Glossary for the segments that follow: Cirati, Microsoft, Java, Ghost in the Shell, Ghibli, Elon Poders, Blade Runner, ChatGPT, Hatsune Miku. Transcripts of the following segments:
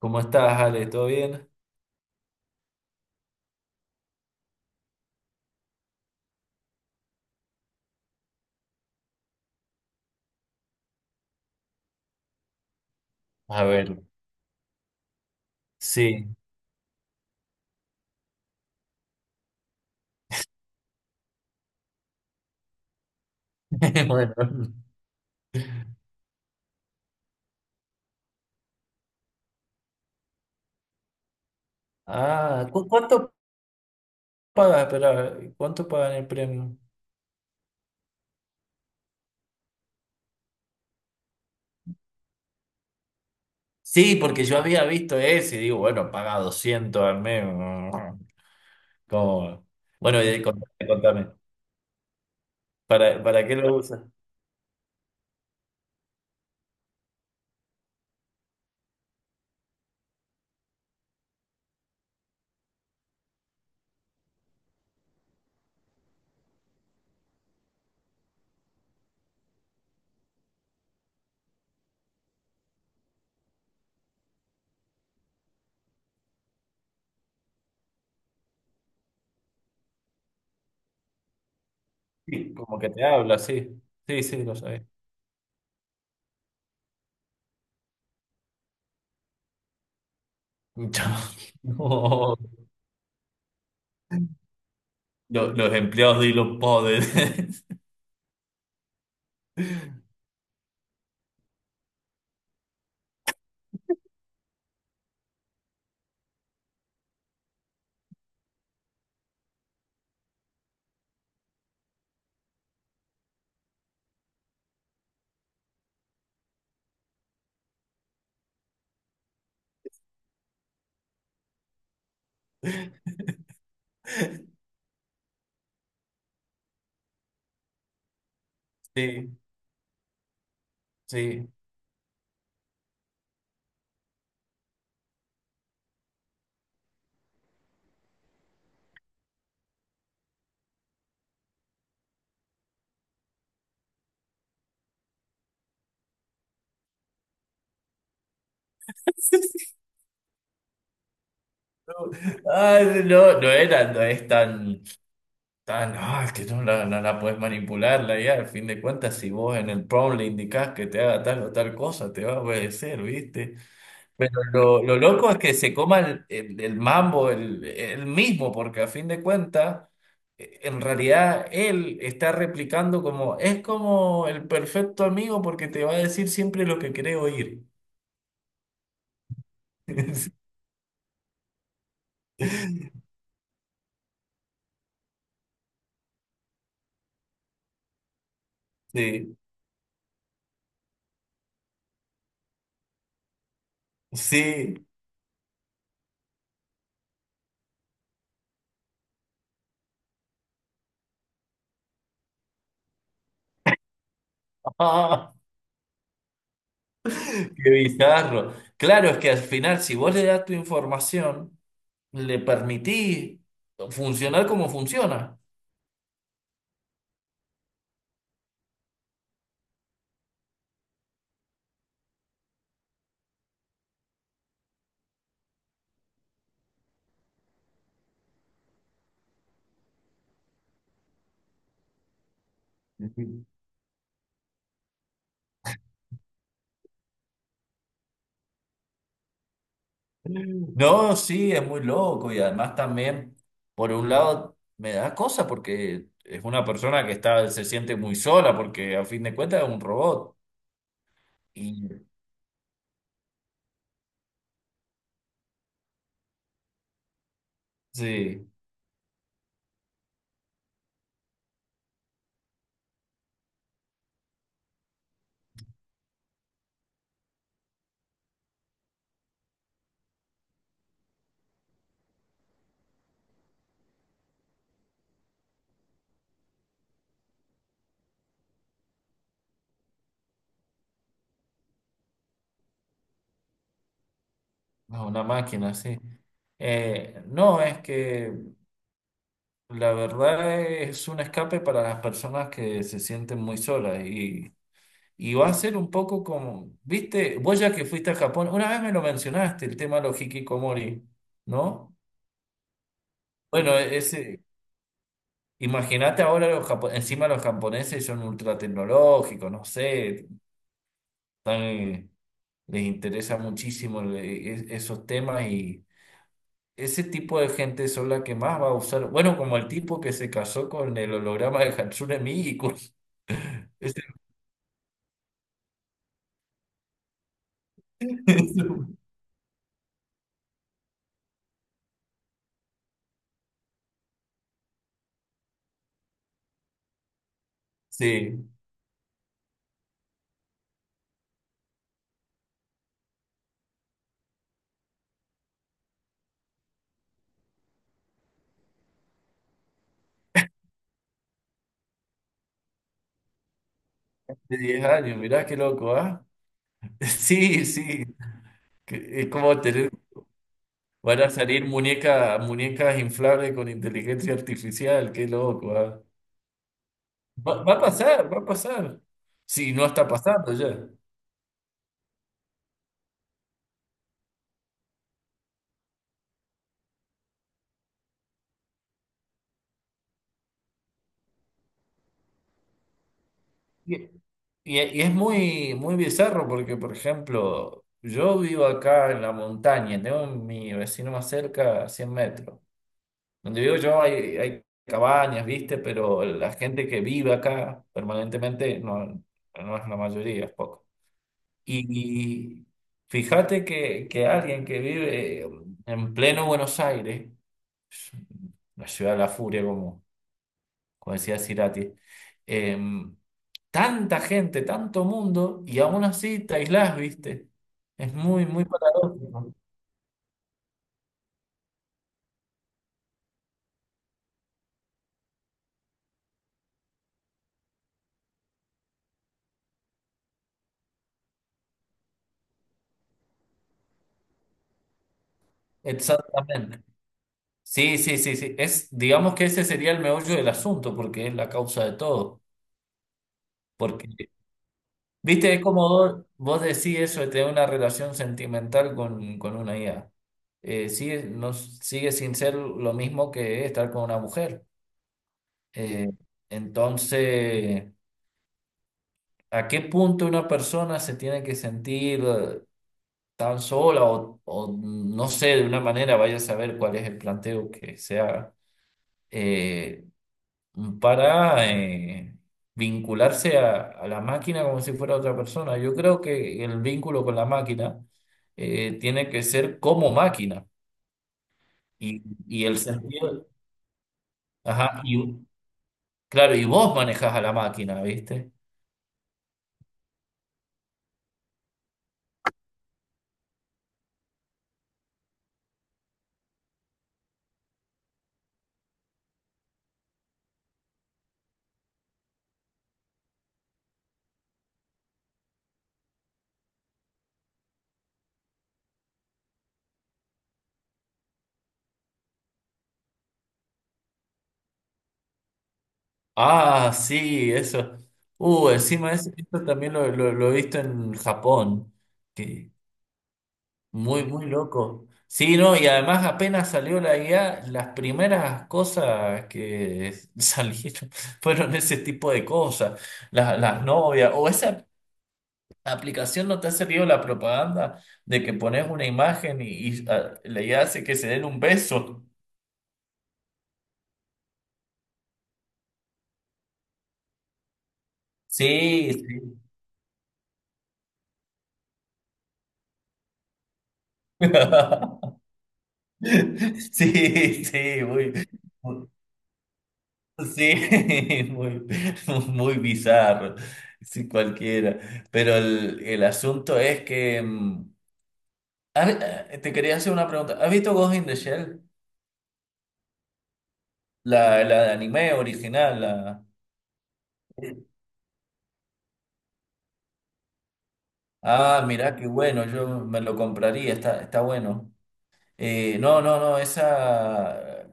¿Cómo estás, Ale? ¿Todo bien? A ver, sí, bueno. Ah, ¿cuánto pagas? Espera, ¿cuánto pagan el premio? Sí, porque yo había visto ese y digo, bueno, paga 200 al mes. Como, bueno, y contame, contame. ¿Para qué lo usas? Sí, como que te habla, sí. Sí, sí, lo sabía. No, los empleados de Elon Poders. Sí, sí. Ay, no, no era, no es tan. Ah, no, es que no la puedes manipular la IA. Al fin de cuentas, si vos en el prompt le indicás que te haga tal o tal cosa, te va a obedecer, ¿viste? Pero lo loco es que se coma el mambo el mismo, porque a fin de cuentas, en realidad él está replicando como, es como el perfecto amigo porque te va a decir siempre lo que querés oír. Sí, sí. Qué bizarro. Claro, es que al final, si vos le das tu información, le permití funcionar como funciona. Ujú. No, sí, es muy loco y además también, por un lado, me da cosa porque es una persona que está, se siente muy sola porque a fin de cuentas es un robot y sí, es una máquina, sí. No, es que la verdad es un escape para las personas que se sienten muy solas. Y va a ser un poco como, viste, vos ya que fuiste a Japón, una vez me lo mencionaste, el tema de los hikikomori, ¿no? Bueno, ese, imagínate ahora los encima los japoneses son ultra tecnológicos, no sé, tan, les interesa muchísimo esos temas y ese tipo de gente son la que más va a usar, bueno, como el tipo que se casó con el holograma de Hatsune Miku. Ese- Sí, de 10 años, mirá qué loco, ¿ah? Sí, sí. Que es como tener, van a salir muñecas inflables con inteligencia artificial, qué loco, ah. Va a pasar, va a pasar. Sí, no, está pasando ya. Y, y es muy bizarro porque, por ejemplo, yo vivo acá en la montaña, tengo mi vecino más cerca a 100 metros. Donde vivo yo hay, hay cabañas, ¿viste? Pero la gente que vive acá permanentemente no, no es la mayoría, es poco. Y fíjate que alguien que vive en pleno Buenos Aires, la ciudad de la furia, como, como decía Cirati, em, tanta gente, tanto mundo, y aún así te aislás, ¿viste? Es muy paradójico. Exactamente. Sí, sí, sí, sí. Es, digamos que ese sería el meollo del asunto, porque es la causa de todo. Porque viste, es como vos decís eso de tener una relación sentimental con una IA. No, sigue sin ser lo mismo que estar con una mujer. Eh, entonces, ¿a qué punto una persona se tiene que sentir tan sola o no sé, de una manera, vaya a saber cuál es el planteo que se haga? Eh, para vincularse a la máquina como si fuera otra persona. Yo creo que el vínculo con la máquina tiene que ser como máquina y, y el sentido, ajá, y claro, y vos manejás a la máquina, ¿viste? Ah, sí, eso. Encima eso, esto también lo he visto en Japón, que, muy, muy loco. Sí, no, y además apenas salió la IA, las primeras cosas que salieron fueron ese tipo de cosas, las novias, o esa aplicación no te ha servido la propaganda de que pones una imagen y, ah, la IA hace que se den un beso. Sí, sí. Sí, sí, muy. Sí, muy, muy bizarro, sí, cualquiera. Pero el asunto es que mm, te quería hacer una pregunta. ¿Has visto Ghost in the Shell? La de anime original. La... Ah, mirá, qué bueno, yo me lo compraría, está, está bueno. No, esa,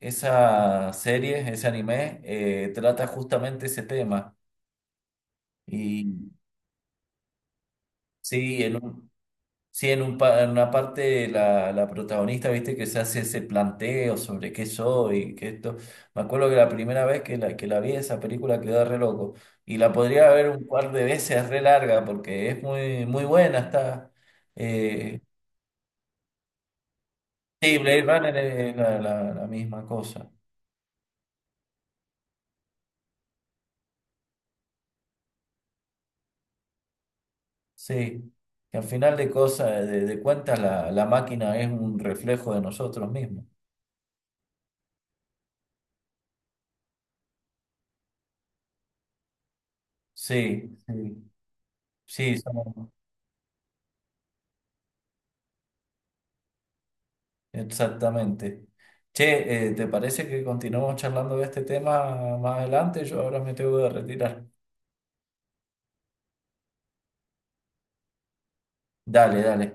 esa serie, ese anime, trata justamente ese tema. Y sí, en un... Sí, en un en una parte la, la protagonista, viste, que se hace ese planteo sobre qué soy, qué esto. Me acuerdo que la primera vez que que la vi esa película quedé re loco. Y la podría ver un par de veces re larga porque es muy, muy buena, está. eh, sí, Blade Runner es la, la misma cosa. Sí. Que al final de cosas, de cuentas, la máquina es un reflejo de nosotros mismos. Sí, sí. Sí, somos. Exactamente. Che, ¿te parece que continuemos charlando de este tema más adelante? Yo ahora me tengo que retirar. Dale, dale.